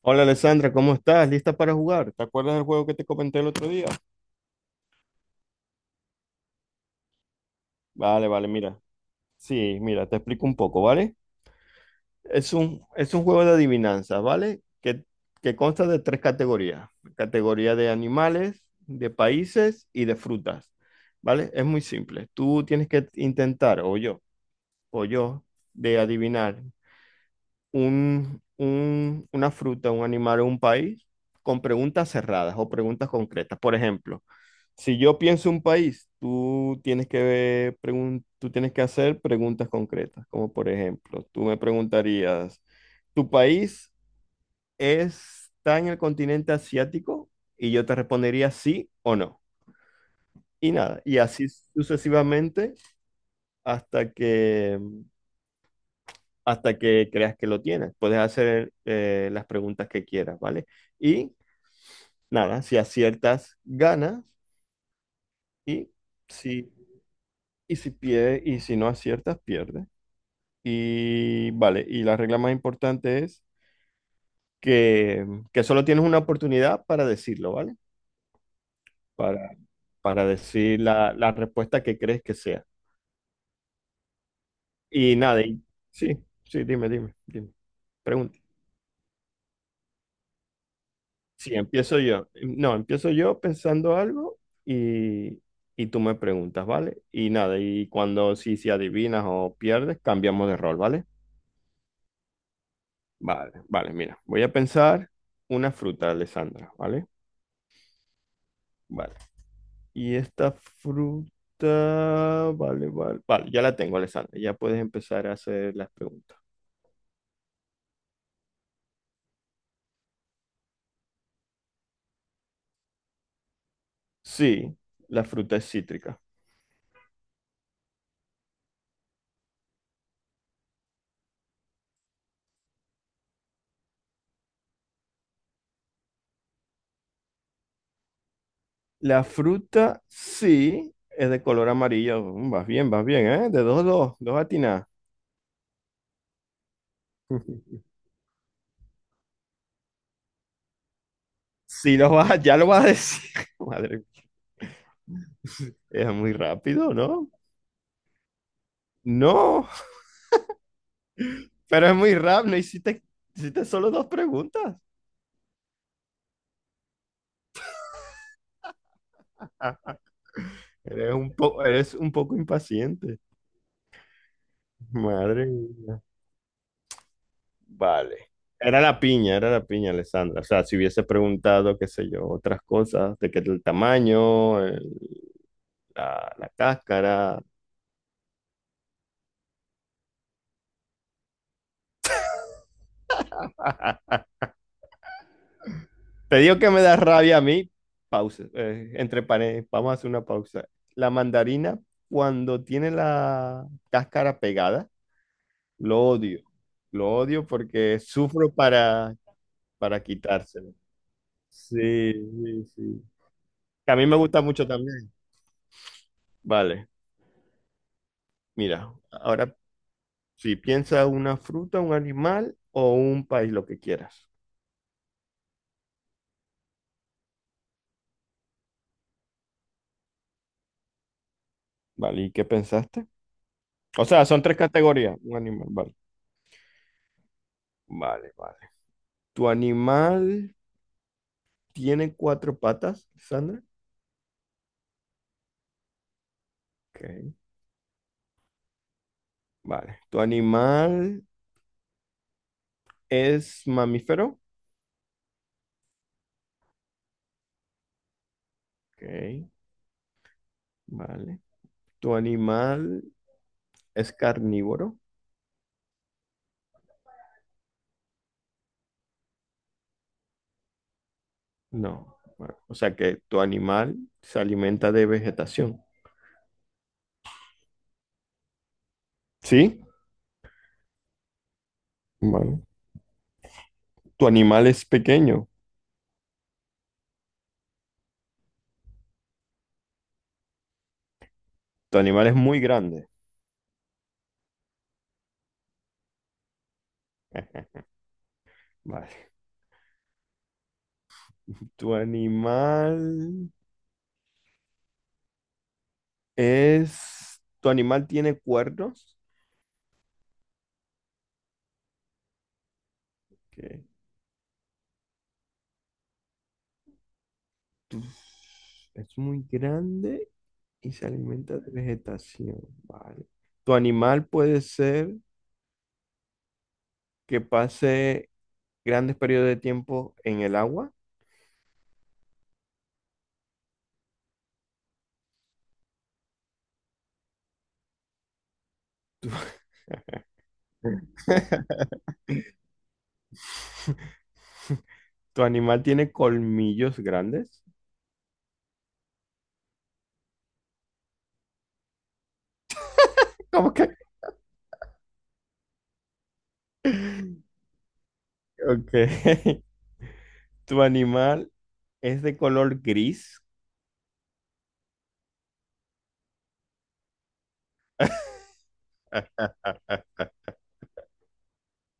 Hola Alessandra, ¿cómo estás? ¿Lista para jugar? ¿Te acuerdas del juego que te comenté el otro día? Vale, vale, mira. Sí, mira, te explico un poco, ¿vale? Es un juego de adivinanzas, ¿vale? Que consta de tres categorías. Categoría de animales, de países y de frutas, ¿vale? Es muy simple. Tú tienes que intentar, o yo, de adivinar una fruta, un animal o un país con preguntas cerradas o preguntas concretas. Por ejemplo, si yo pienso un país, tú tienes que ver tú tienes que hacer preguntas concretas, como por ejemplo, tú me preguntarías, ¿tu país está en el continente asiático? Y yo te respondería sí o no. Y nada, y así sucesivamente hasta que hasta que creas que lo tienes. Puedes hacer las preguntas que quieras, ¿vale? Y nada, si aciertas, ganas. Y si, y si pierdes, y si no aciertas, pierdes. Y vale, y la regla más importante es que, que solo tienes una oportunidad para decirlo, ¿vale? Para, para decir la respuesta que crees que sea. Y nada, y, sí, sí, dime. Pregunta. Sí, empiezo yo. No, empiezo yo pensando algo y, y tú me preguntas, ¿vale? Y nada, y cuando si adivinas o pierdes, cambiamos de rol, ¿vale? Vale, vale, mira, voy a pensar una fruta, Alessandra, ¿vale? Vale. Y esta fruta, vale, vale, vale, ya la tengo, Alessandra, ya puedes empezar a hacer las preguntas. Sí, la fruta es cítrica. La fruta, sí, es de color amarillo. Mm, vas bien, vas bien, ¿eh? De dos atinadas. Si lo vas, ya lo vas a decir. Madre mía, es muy rápido, ¿no? No, pero es muy rápido. No hiciste, hiciste solo dos preguntas. Eres eres un poco impaciente. Madre mía. Vale. Era la piña, Alessandra. O sea, si hubiese preguntado, qué sé yo, otras cosas, de qué el tamaño, la cáscara. Te digo que me da rabia a mí. Pausa. Entre paréntesis, vamos a hacer una pausa. La mandarina, cuando tiene la cáscara pegada, lo odio. Lo odio porque sufro para quitárselo. Sí, sí, sí. Que a mí me gusta mucho también. Vale, mira, ahora si piensa una fruta, un animal o un país, lo que quieras. Vale, ¿y qué pensaste? O sea, son tres categorías. Un animal, vale. Vale, vale. Tu animal tiene cuatro patas, Sandra. Ok, vale. ¿Tu animal es mamífero? Ok, vale. ¿Tu animal es carnívoro? No. Vale. O sea que tu animal se alimenta de vegetación. ¿Sí? Vale. ¿Tu animal es pequeño? Tu animal es muy grande. Vale. ¿Tu animal es... ¿Tu animal tiene cuernos? Ok. Tu- Es muy grande y se alimenta de vegetación, vale. Tu animal puede ser que pase grandes periodos de tiempo en el agua. Tu, tu animal tiene colmillos grandes. ¿Cómo que? Ok. Tu animal es de color gris.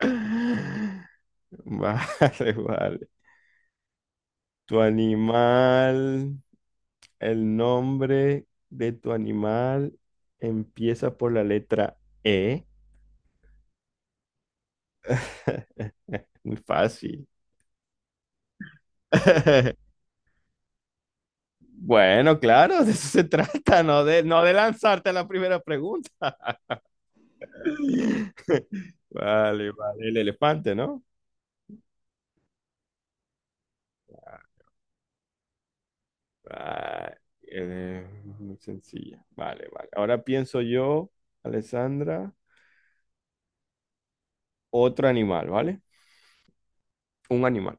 Vale, vale. Tu animal, el nombre de tu animal empieza por la letra E. Muy fácil. Bueno, claro, de eso se trata, no de lanzarte a la primera pregunta. Vale, vale, el elefante, ¿no? Ah, eh, muy sencilla. Vale, vale. Ahora pienso yo, Alessandra, otro animal, ¿vale? Un animal.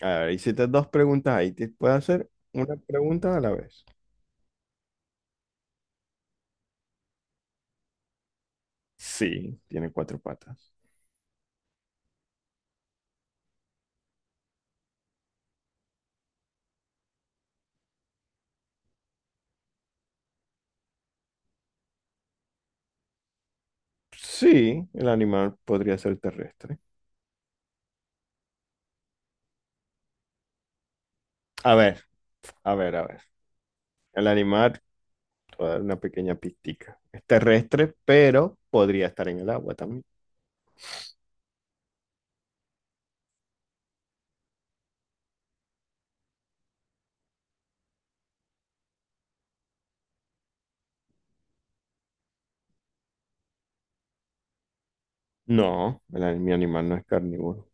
A ver, hiciste dos preguntas ahí. ¿Te puedo hacer una pregunta a la vez? Sí, tiene cuatro patas. Sí, el animal podría ser terrestre. A ver, a ver. El animal Voy a dar una pequeña pistica. Es terrestre, pero podría estar en el agua también. No, el mi animal no es carnívoro.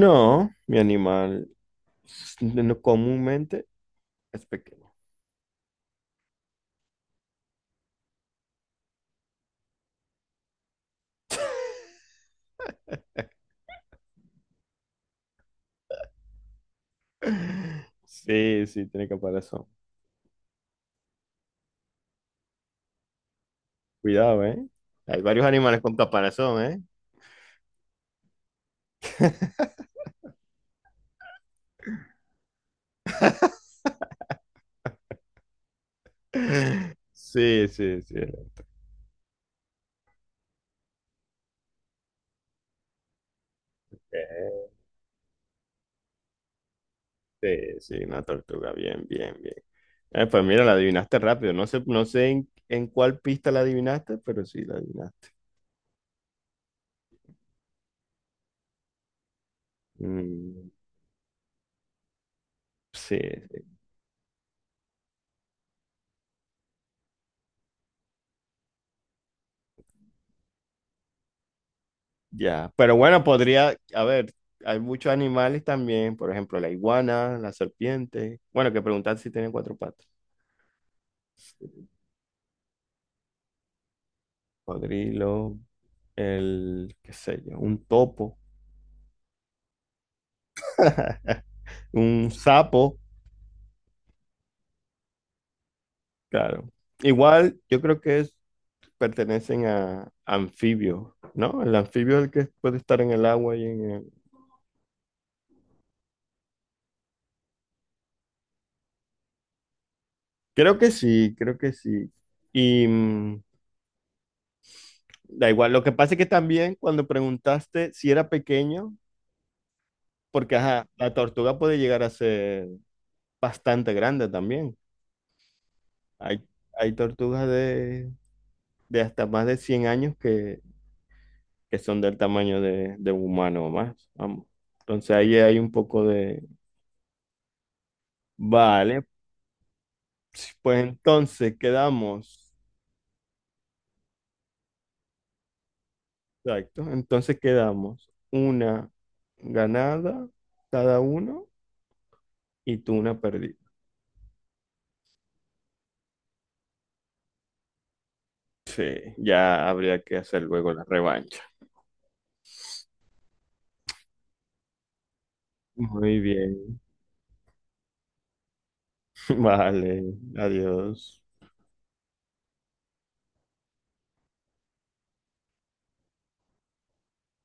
No, mi animal comúnmente es pequeño. Sí, sí, tiene caparazón. Cuidado, ¿eh? Hay varios animales con caparazón, ¿eh? Sí, sí, sí. Eh, sí, sí, una tortuga. Bien, bien, bien. Pues mira, la adivinaste rápido. No sé, en cuál pista la adivinaste, pero sí la adivinaste. Mm. Sí, ya. Pero bueno, podría, a ver, hay muchos animales también, por ejemplo, la iguana, la serpiente. Bueno, que preguntar si tienen cuatro patas. Cocodrilo, el, qué sé yo, un topo, un sapo, claro. Igual, yo creo pertenecen a anfibios, ¿no? El anfibio es el que puede estar en el agua y en el... Creo que sí, creo que sí. Y mm, da igual, lo que pasa es que también cuando preguntaste si era pequeño, porque, ajá, la tortuga puede llegar a ser bastante grande también. Hay, hay tortugas de hasta más de 100 años que son del tamaño de un humano o más. Vamos. Entonces ahí hay un poco de... Vale, si, pues entonces quedamos. Exacto, entonces quedamos una ganada cada uno y tú una perdida. Sí, ya habría que hacer luego la revancha. Muy bien, vale, adiós.